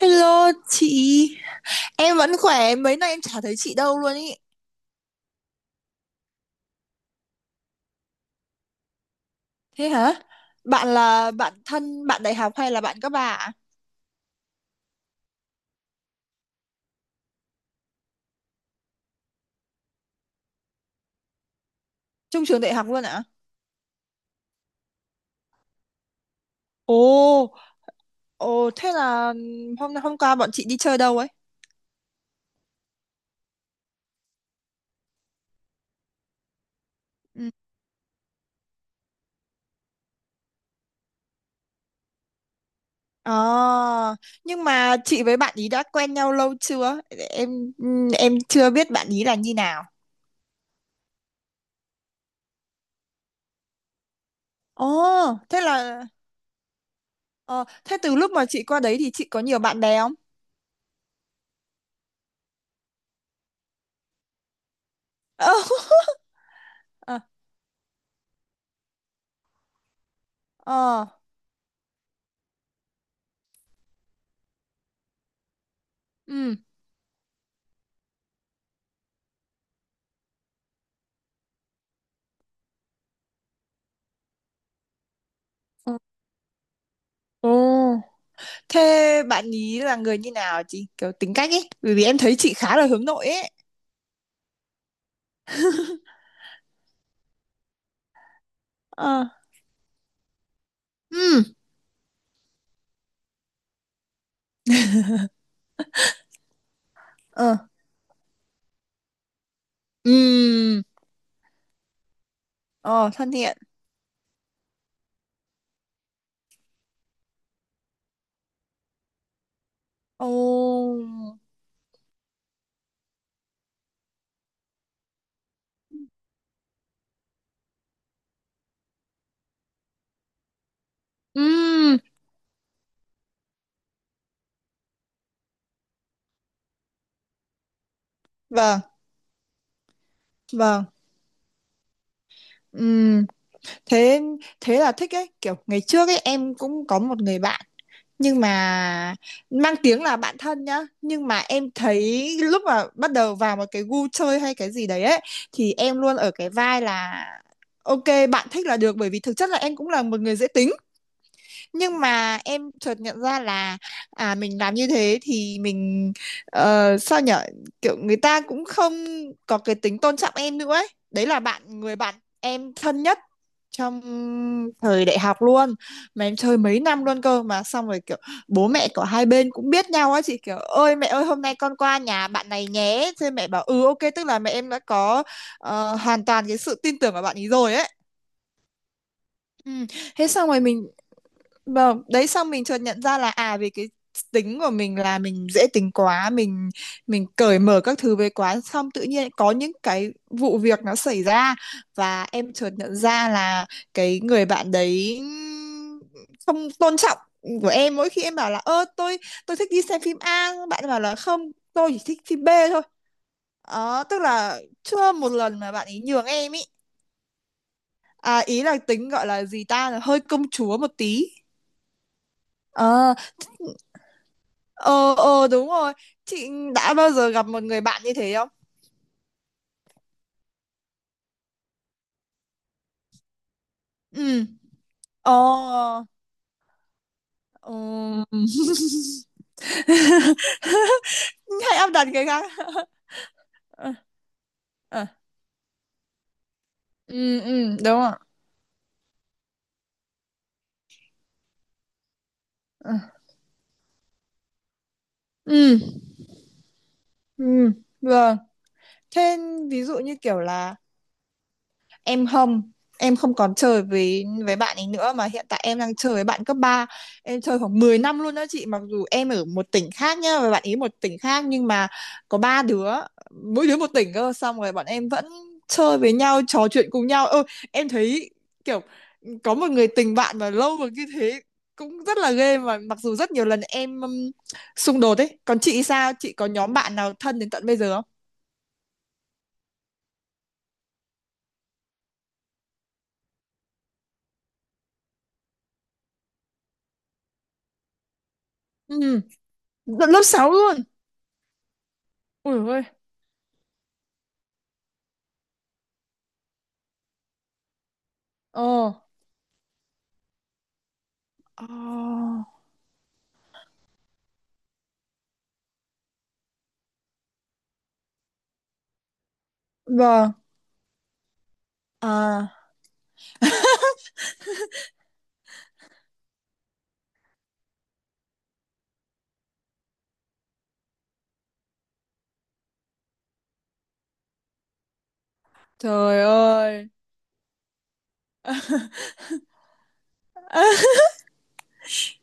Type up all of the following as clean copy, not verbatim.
Hello chị, em vẫn khỏe, mấy nay em chả thấy chị đâu luôn ý. Thế hả? Bạn là bạn thân, bạn đại học hay là bạn các bà ạ? Chung trường đại học luôn ạ? Ồ, ồ thế là hôm hôm qua bọn chị đi chơi đâu ấy? Ừ. À, nhưng mà chị với bạn ý đã quen nhau lâu chưa? Em em chưa biết bạn ý là như nào. Ồ, thế là ờ, thế từ lúc mà chị qua đấy thì chị có nhiều bạn bè không? Ờ, ờ, ừ. Ừ. Ồ. Thế bạn ý là người như nào chị? Kiểu tính cách ấy. Bởi vì em thấy chị khá là hướng nội ấy. Ờ. Ừ. Ờ. Ừ. Ờ, thân thiện. Ồ. Ừ. Vâng, vâng. Ừ, thế thế là thích ấy, kiểu ngày trước ấy em cũng có một người bạn, nhưng mà mang tiếng là bạn thân nhá, nhưng mà em thấy lúc mà bắt đầu vào một cái gu chơi hay cái gì đấy ấy thì em luôn ở cái vai là ok, bạn thích là được, bởi vì thực chất là em cũng là một người dễ tính. Nhưng mà em chợt nhận ra là à, mình làm như thế thì mình sao nhở, kiểu người ta cũng không có cái tính tôn trọng em nữa ấy, đấy là người bạn em thân nhất trong thời đại học luôn, mà em chơi mấy năm luôn cơ, mà xong rồi kiểu bố mẹ của hai bên cũng biết nhau á chị, kiểu ơi mẹ ơi hôm nay con qua nhà bạn này nhé, thế mẹ bảo ừ ok, tức là mẹ em đã có hoàn toàn cái sự tin tưởng vào bạn ấy rồi ấy. Ừ. Thế xong rồi mình Vâng, đấy xong mình chợt nhận ra là à, vì cái tính của mình là mình dễ tính quá, mình cởi mở các thứ với quá, xong tự nhiên có những cái vụ việc nó xảy ra và em chợt nhận ra là cái người bạn đấy không tôn trọng của em mỗi khi em bảo là ơ tôi thích đi xem phim A, bạn ấy bảo là không, tôi chỉ thích phim B thôi. Ờ, tức là chưa một lần mà bạn ấy nhường em ý, à, ý là tính gọi là gì ta, là hơi công chúa một tí. ờ Ờ, ờ, đúng rồi. Chị đã bao giờ gặp một người bạn như thế không? Ừ. Ờ. Ừ. Hãy áp đặt người khác. Ờ, ờ. Ừ, ừ, đúng rồi. Ờ. Ừ, ừ, vâng. Thế ví dụ như kiểu là em không em không còn chơi với bạn ấy nữa, mà hiện tại em đang chơi với bạn cấp ba, em chơi khoảng 10 năm luôn đó chị, mặc dù em ở một tỉnh khác nhá và bạn ấy một tỉnh khác, nhưng mà có ba đứa, mỗi đứa một tỉnh cơ, xong rồi bọn em vẫn chơi với nhau, trò chuyện cùng nhau. Ơ, em thấy kiểu có một người tình bạn mà lâu mà như thế cũng rất là ghê, mà mặc dù rất nhiều lần em xung đột ấy. Còn chị, sao chị có nhóm bạn nào thân đến tận bây giờ không? Ừ, lớp 6 luôn, ui ơi. Ờ, ờ, vâng. À, trời ơi.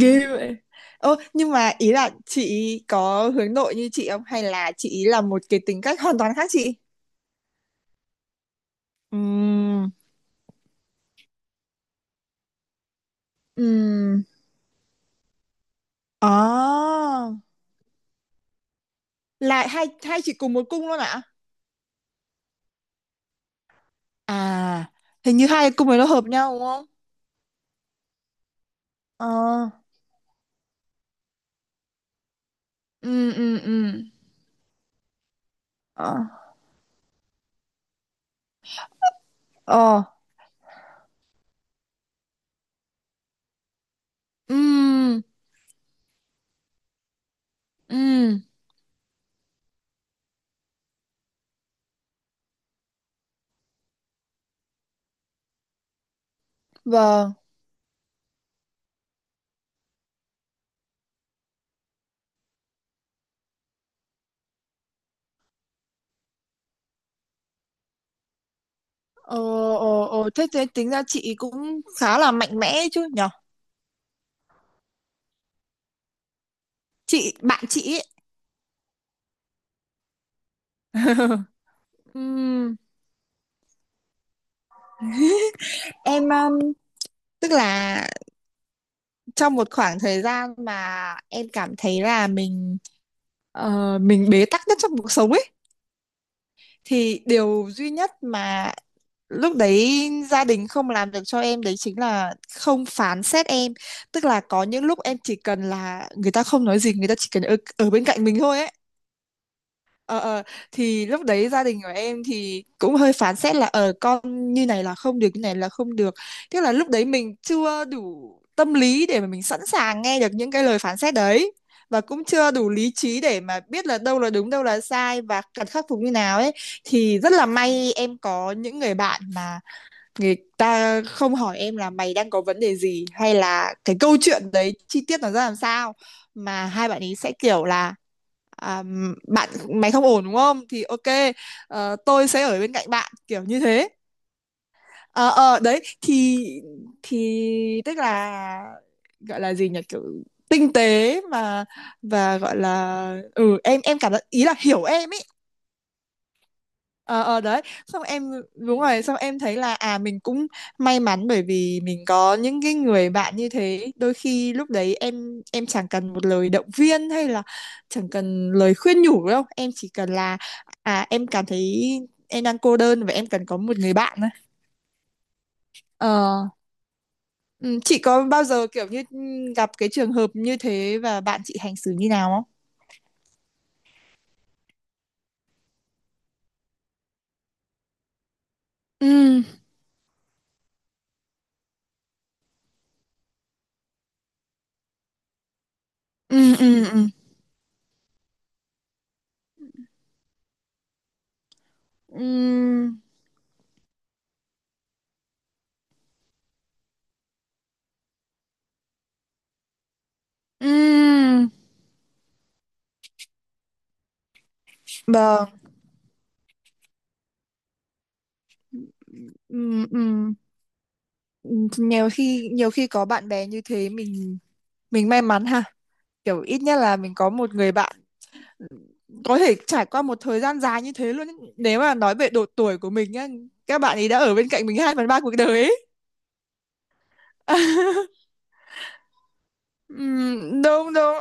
Ghê vậy. Ô, nhưng mà ý là chị có hướng nội như chị không? Hay là chị ý là một cái tính cách hoàn toàn khác chị? Ừm. Ừm. À, là hai hai chị cùng một cung luôn ạ? À, hình như hai cung ấy nó hợp nhau đúng không? Ờ. Ừ, ừ, ừ. Ờ. Ờ. Ừ. Ừ. Vâng. Ờ, ờ, ờ, thế thế tính ra chị cũng khá là mạnh mẽ chứ nhỉ? Chị bạn chị ấy, ừm, em tức là trong một khoảng thời gian mà em cảm thấy là ờ, mình bế tắc nhất trong cuộc sống ấy, thì điều duy nhất mà lúc đấy gia đình không làm được cho em đấy chính là không phán xét em, tức là có những lúc em chỉ cần là người ta không nói gì, người ta chỉ cần ở bên cạnh mình thôi ấy. ờ ờ thì lúc đấy gia đình của em thì cũng hơi phán xét là con như này là không được, như này là không được, tức là lúc đấy mình chưa đủ tâm lý để mà mình sẵn sàng nghe được những cái lời phán xét đấy, và cũng chưa đủ lý trí để mà biết là đâu là đúng đâu là sai và cần khắc phục như nào ấy. Thì rất là may em có những người bạn mà người ta không hỏi em là mày đang có vấn đề gì hay là cái câu chuyện đấy chi tiết nó ra làm sao, mà hai bạn ấy sẽ kiểu là à, bạn mày không ổn đúng không, thì ok, tôi sẽ ở bên cạnh bạn kiểu như thế. Ờ, Đấy thì tức là gọi là gì nhỉ, kiểu tinh tế mà, và gọi là em cảm giác ý là hiểu em ấy. Ờ Đấy xong em, đúng rồi, xong em thấy là à mình cũng may mắn bởi vì mình có những cái người bạn như thế. Đôi khi lúc đấy em chẳng cần một lời động viên hay là chẳng cần lời khuyên nhủ đâu, em chỉ cần là à em cảm thấy em đang cô đơn và em cần có một người bạn thôi. ờ ừ, chị có bao giờ kiểu như gặp cái trường hợp như thế và bạn chị hành xử như nào không? Ừ, ừ, ừ, ừ, ừ, ừ, ừ, vâng, ừ, ừ. Nhiều khi, nhiều khi có bạn bè như thế, mình may mắn ha, kiểu ít nhất là mình có một người bạn có thể trải qua một thời gian dài như thế luôn ấy. Nếu mà nói về độ tuổi của mình nhá, các bạn ấy đã ở bên cạnh mình 2/3 cuộc đời ấy. Đúng, đúng,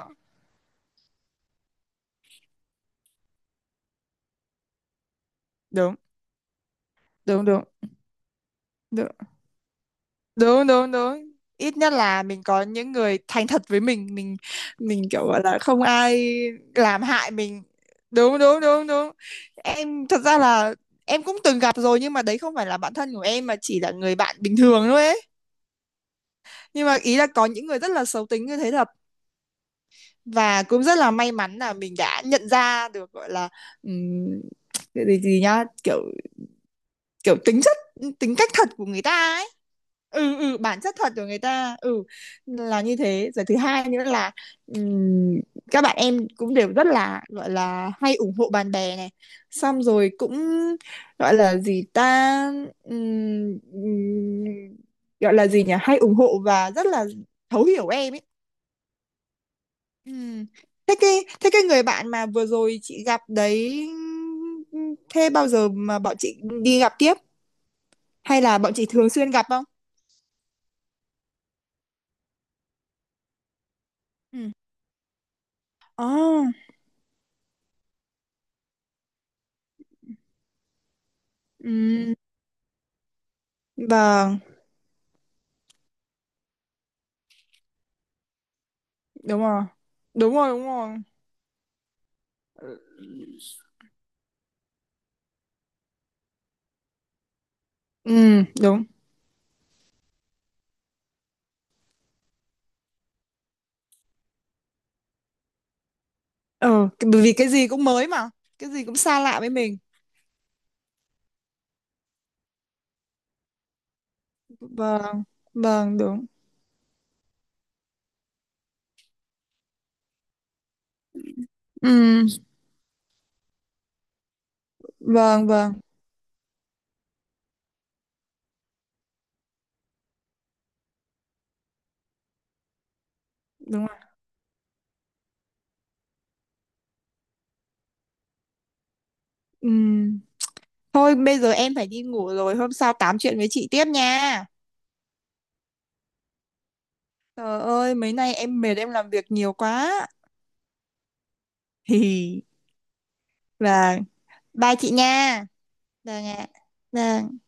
đúng, đúng, đúng, đúng, đúng, đúng, đúng. Ít nhất là mình có những người thành thật với mình kiểu gọi là không ai làm hại mình. Đúng, đúng, đúng, đúng. Em thật ra là em cũng từng gặp rồi, nhưng mà đấy không phải là bạn thân của em mà chỉ là người bạn bình thường thôi ấy, nhưng mà ý là có những người rất là xấu tính như thế thật, và cũng rất là may mắn là mình đã nhận ra được, gọi là ừm, cái gì gì nhá, kiểu kiểu tính cách thật của người ta ấy. Ừ, ừ, bản chất thật của người ta. Ừ là như thế rồi, thứ hai nữa là ừm, các bạn em cũng đều rất là, gọi là, hay ủng hộ bạn bè này, xong rồi cũng gọi là gì ta, ừm, ừm, gọi là gì nhỉ, hay ủng hộ và rất là thấu hiểu em ấy. Ừm. Thế cái người bạn mà vừa rồi chị gặp đấy, thế bao giờ mà bọn chị đi gặp tiếp, hay là bọn chị thường xuyên gặp không? Ừ. Oh, ừm, vâng, đúng rồi. Đúng rồi, đúng rồi. Ừ, đúng. Ờ, bởi vì cái gì cũng mới mà, cái gì cũng xa lạ với mình. Vâng, vâng, đúng. Ừ, vâng, vâng, đúng rồi. Ừ. Thôi bây giờ em phải đi ngủ rồi, hôm sau tám chuyện với chị tiếp nha. Trời ơi, mấy nay em mệt, em làm việc nhiều quá. Hì. Vâng, bye chị nha. Vâng ạ. Vâng.